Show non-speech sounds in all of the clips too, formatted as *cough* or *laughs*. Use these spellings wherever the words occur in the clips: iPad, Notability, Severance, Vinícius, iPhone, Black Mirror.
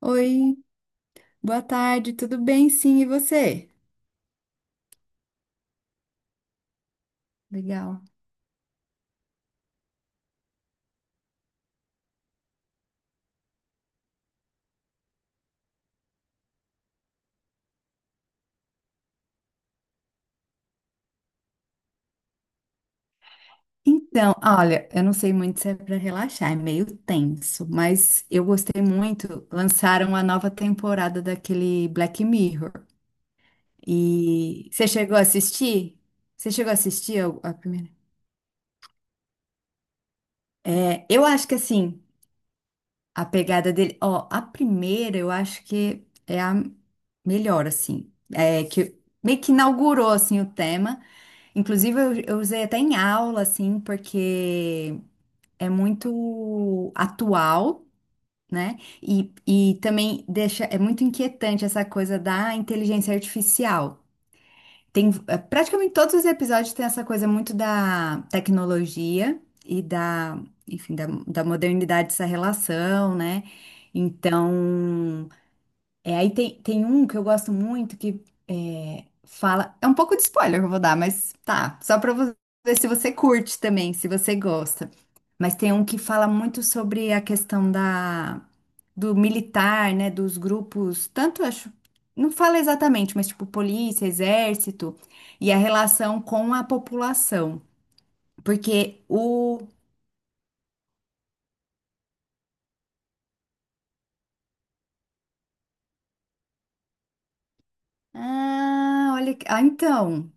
Oi, boa tarde, tudo bem? Sim, e você? Legal. Olha, eu não sei muito se é para relaxar, é meio tenso, mas eu gostei muito. Lançaram a nova temporada daquele Black Mirror. E você chegou a assistir? Você chegou a assistir a primeira? Eu acho que a pegada dele, ó, a primeira eu acho que é a melhor, assim, é que meio que inaugurou assim o tema. Inclusive, eu usei até em aula, assim, porque é muito atual, né? E, também deixa, é muito inquietante essa coisa da inteligência artificial. Tem, praticamente todos os episódios tem essa coisa muito da tecnologia enfim, da modernidade, essa relação, né? Então, é, aí tem um que eu gosto muito que é, fala. É um pouco de spoiler que eu vou dar, mas tá. Ver se você curte também, se você gosta. Mas tem um que fala muito sobre do militar, né? Dos grupos, tanto acho. Não fala exatamente, mas tipo polícia, exército, e a relação com a população. Porque o. Ah, olha. Ah, então.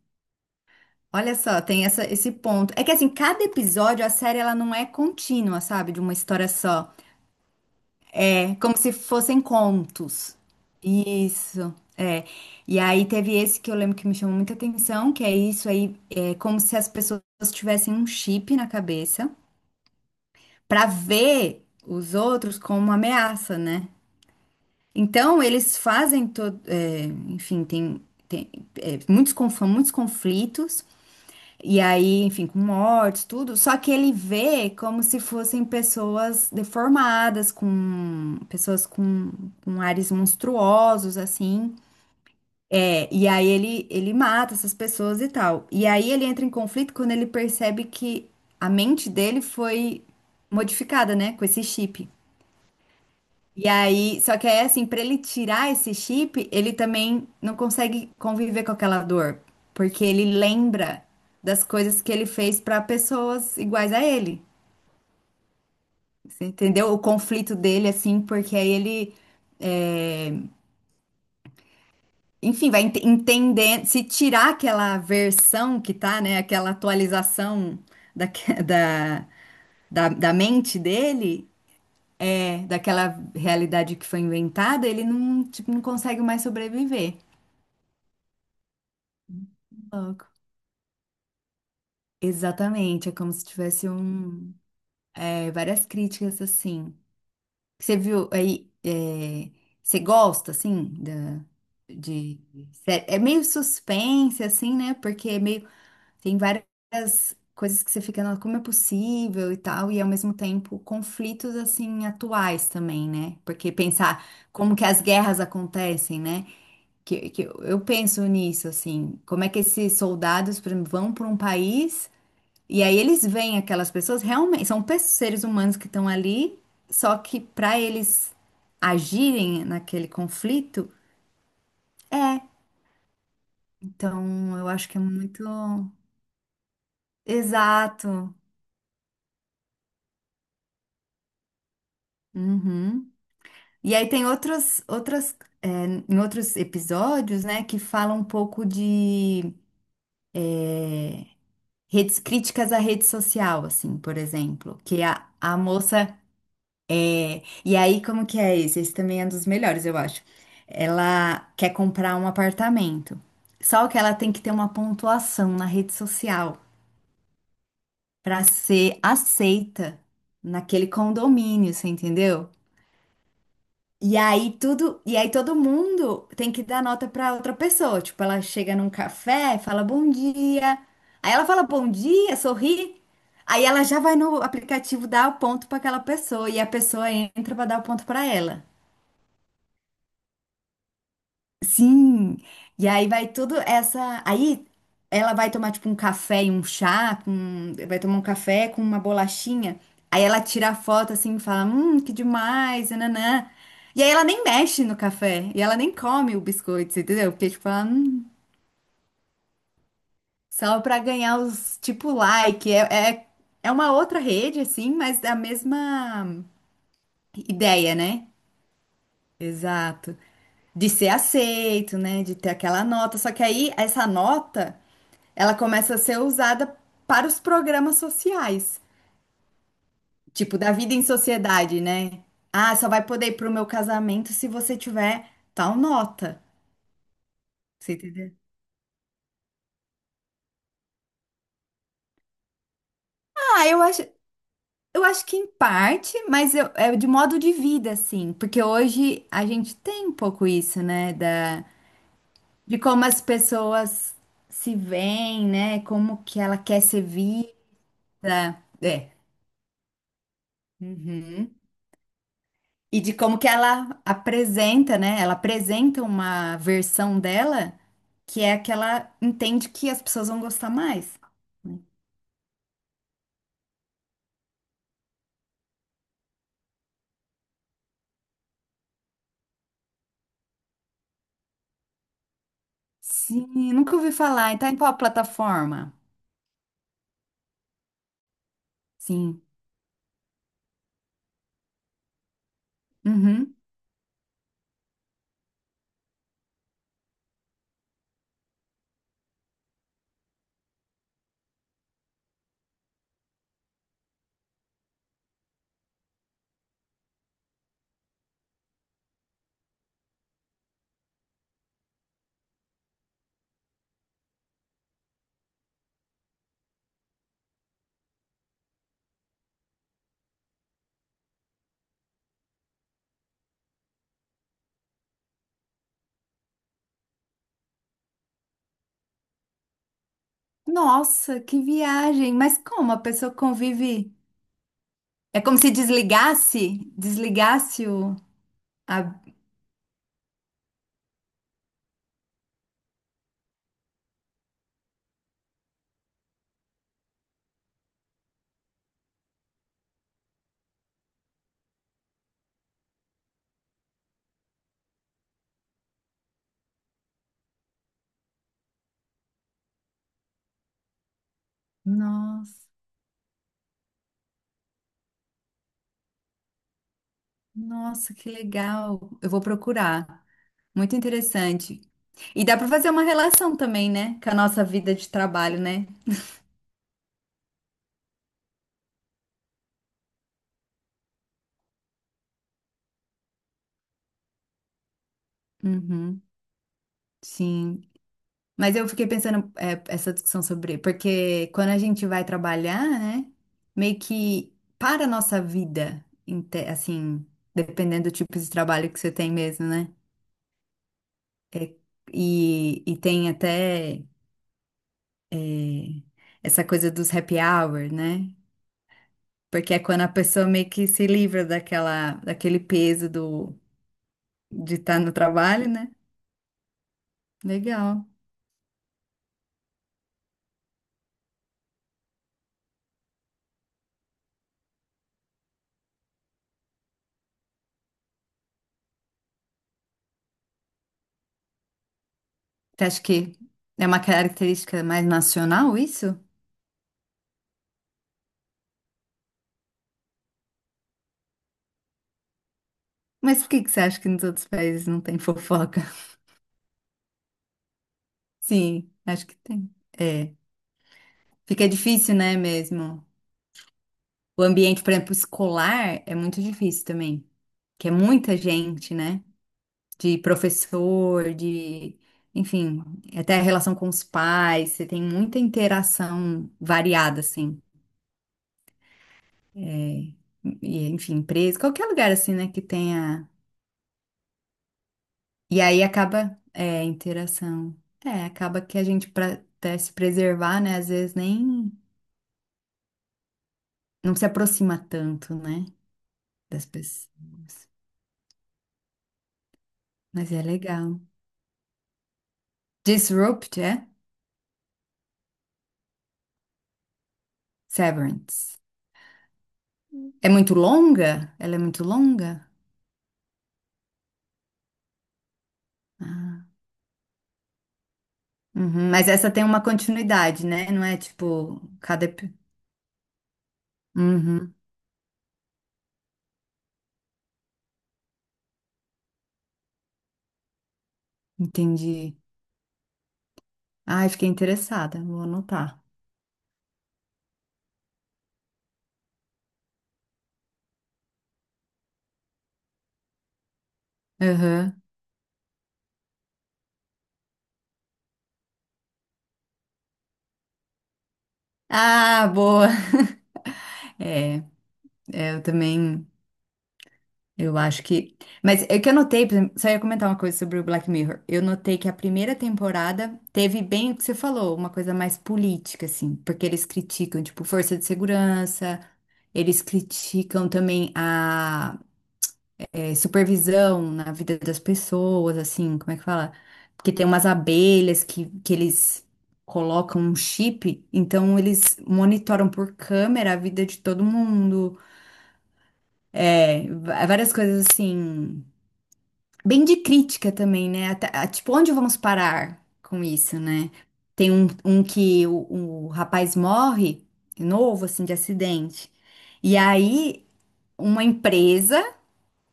Olha só, esse ponto. É que assim, cada episódio, a série, ela não é contínua, sabe? De uma história só. É como se fossem contos. Isso, é. E aí teve esse que eu lembro que me chamou muita atenção, que é isso aí, é como se as pessoas tivessem um chip na cabeça pra ver os outros como uma ameaça, né? Então, eles fazem todo, é, enfim, tem é, muitos conflitos. E aí, enfim, com mortes, tudo. Só que ele vê como se fossem pessoas deformadas, com ares monstruosos, assim. É, e aí ele mata essas pessoas e tal. E aí ele entra em conflito quando ele percebe que a mente dele foi modificada, né, com esse chip. E aí, só que aí, assim, pra ele tirar esse chip, ele também não consegue conviver com aquela dor, porque ele lembra das coisas que ele fez pra pessoas iguais a ele. Você entendeu? O conflito dele, assim, porque aí ele, é, enfim, entender, se tirar aquela versão que tá, né, aquela atualização da, *laughs* da, da mente dele. É, daquela realidade que foi inventada, ele não, tipo, não consegue mais sobreviver. Louco. Exatamente, é como se tivesse é, várias críticas assim. Você viu aí, é, você gosta de, é meio suspense assim, né? Porque é meio tem várias coisas que você fica, "Não, como é possível e tal, e ao mesmo tempo conflitos assim atuais também, né? Porque pensar como que as guerras acontecem, né? Que eu penso nisso assim, como é que esses soldados, por exemplo, vão para um país. E aí eles veem aquelas pessoas realmente, são seres humanos que estão ali, só que para eles agirem naquele conflito, é. Então eu acho que é muito exato. Uhum. E aí tem outros outras, é, em outros episódios, né, que falam um pouco de redes críticas à rede social, assim, por exemplo, que a moça. E aí, como que é esse? Esse também é um dos melhores, eu acho. Ela quer comprar um apartamento. Só que ela tem que ter uma pontuação na rede social para ser aceita naquele condomínio, você entendeu? E aí todo mundo tem que dar nota para outra pessoa. Tipo, ela chega num café, fala bom dia. Aí ela fala bom dia, sorri. Aí ela já vai no aplicativo dar o ponto para aquela pessoa e a pessoa entra para dar o ponto para ela. Sim, e aí vai tudo essa. Aí ela vai tomar tipo um café e um chá, com... vai tomar um café com uma bolachinha. Aí ela tira a foto assim e fala: que demais, nanã. E aí ela nem mexe no café, e ela nem come o biscoito, você entendeu? Porque tipo, só pra ganhar os tipo like. É uma outra rede assim, mas da mesma ideia, né? Exato. De ser aceito, né? De ter aquela nota. Só que aí essa nota. Ela começa a ser usada para os programas sociais, tipo da vida em sociedade, né? Ah, só vai poder ir pro meu casamento se você tiver tal nota. Você entendeu? Ah, eu acho, eu acho que em parte, é de modo de vida, assim, porque hoje a gente tem um pouco isso, né, da, de como as pessoas se veem, né, como que ela quer ser vista. É. Uhum. E de como que ela apresenta, né? Ela apresenta uma versão dela que é a que ela entende que as pessoas vão gostar mais, né? Sim, nunca ouvi falar. E tá em qual plataforma? Sim. Uhum. Nossa, que viagem! Mas como a pessoa convive? É como se desligasse, desligasse o. a- Nossa, nossa, que legal. Eu vou procurar. Muito interessante. E dá para fazer uma relação também, né? Com a nossa vida de trabalho, né? Uhum, sim. Mas eu fiquei pensando, é, essa discussão sobre. Porque quando a gente vai trabalhar, né? Meio que para a nossa vida, assim, dependendo do tipo de trabalho que você tem mesmo, né? É, e tem até é, essa coisa dos happy hour, né? Porque é quando a pessoa meio que se livra daquele peso de estar no trabalho, né? Legal. Você acha que é uma característica mais nacional isso? Mas por que que você acha que nos outros países não tem fofoca? *laughs* Sim, acho que tem. É, fica difícil, né, mesmo? O ambiente, por exemplo, escolar é muito difícil também, que é muita gente, né? De professor, de, enfim, até a relação com os pais, você tem muita interação variada, assim. É, e, enfim, empresa, qualquer lugar assim, né, que tenha. E aí acaba, é, interação. É, acaba que a gente, pra até se preservar, né, às vezes nem, não se aproxima tanto, né, das pessoas. Mas é legal. Disrupt, é? Severance. É muito longa? Ela é muito longa? Ah, uhum. Mas essa tem uma continuidade, né? Não é tipo, cada... Uhum, entendi. Ai, fiquei interessada, vou anotar. Aham. Ah, boa. É, é, eu também. Eu acho que. Mas é que eu notei, por exemplo, só ia comentar uma coisa sobre o Black Mirror. Eu notei que a primeira temporada teve bem o que você falou, uma coisa mais política, assim, porque eles criticam, tipo, força de segurança, eles criticam também a supervisão na vida das pessoas, assim, como é que fala? Porque tem umas abelhas que eles colocam um chip, então eles monitoram por câmera a vida de todo mundo, é, várias coisas assim bem de crítica também, né? Até- a- tipo, onde vamos parar com isso, né? Tem um que o rapaz morre, novo, assim, de acidente. E aí, uma empresa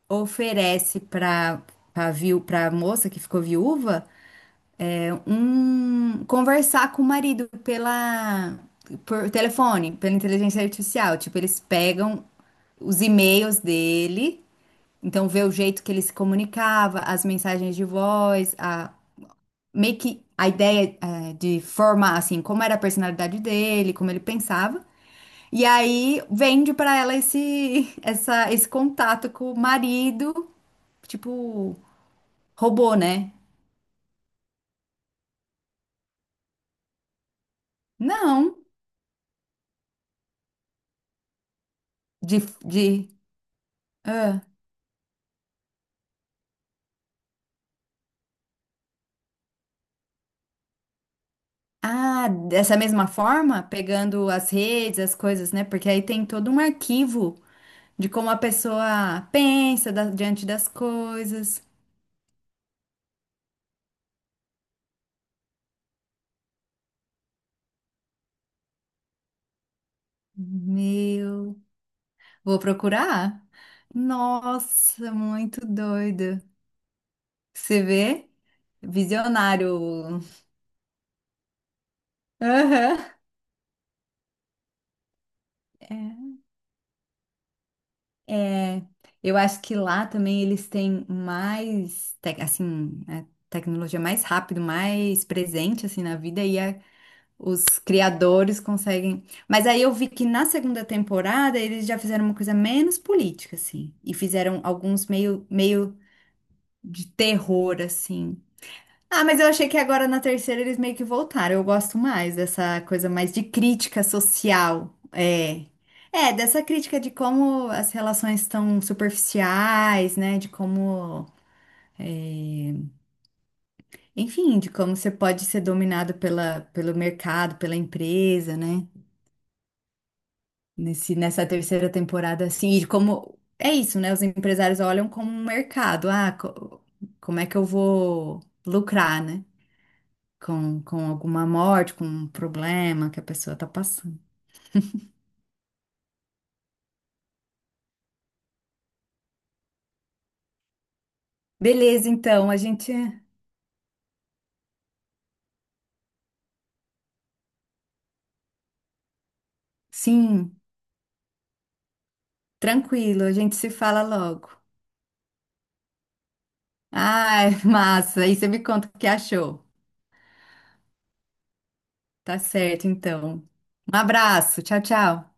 oferece para viu, para moça que ficou viúva, um conversar com o marido pela por telefone, pela inteligência artificial. Tipo, eles pegam os e-mails dele, então vê o jeito que ele se comunicava, as mensagens de voz, a, meio que a ideia de formar, assim, como era a personalidade dele, como ele pensava. E aí vende pra ela *laughs* esse contato com o marido, tipo, robô, né? Não, de, de, ah, ah, dessa mesma forma, pegando as redes, as coisas, né? Porque aí tem todo um arquivo de como a pessoa pensa diante das coisas. Meu. Vou procurar? Nossa, muito doido. Você vê? Visionário. Aham. É, é. Eu acho que lá também eles têm mais, assim, a tecnologia mais rápido, mais presente, assim, na vida, e a- os criadores conseguem... Mas aí eu vi que na segunda temporada eles já fizeram uma coisa menos política, assim, e fizeram alguns meio de terror, assim. Ah, mas eu achei que agora na terceira eles meio que voltaram. Eu gosto mais dessa coisa mais de crítica social. É. É, dessa crítica de como as relações estão superficiais, né? De como, enfim, de como você pode ser dominado pelo mercado, pela empresa, né? Nessa terceira temporada, assim, e de como. É isso, né? Os empresários olham como um mercado. Ah, como é que eu vou lucrar, né? Com alguma morte, com um problema que a pessoa está passando. Beleza, então, a gente. Sim, tranquilo, a gente se fala logo. Ai, *laughs* massa, aí você me conta o que achou. Tá certo, então. Um abraço, tchau, tchau.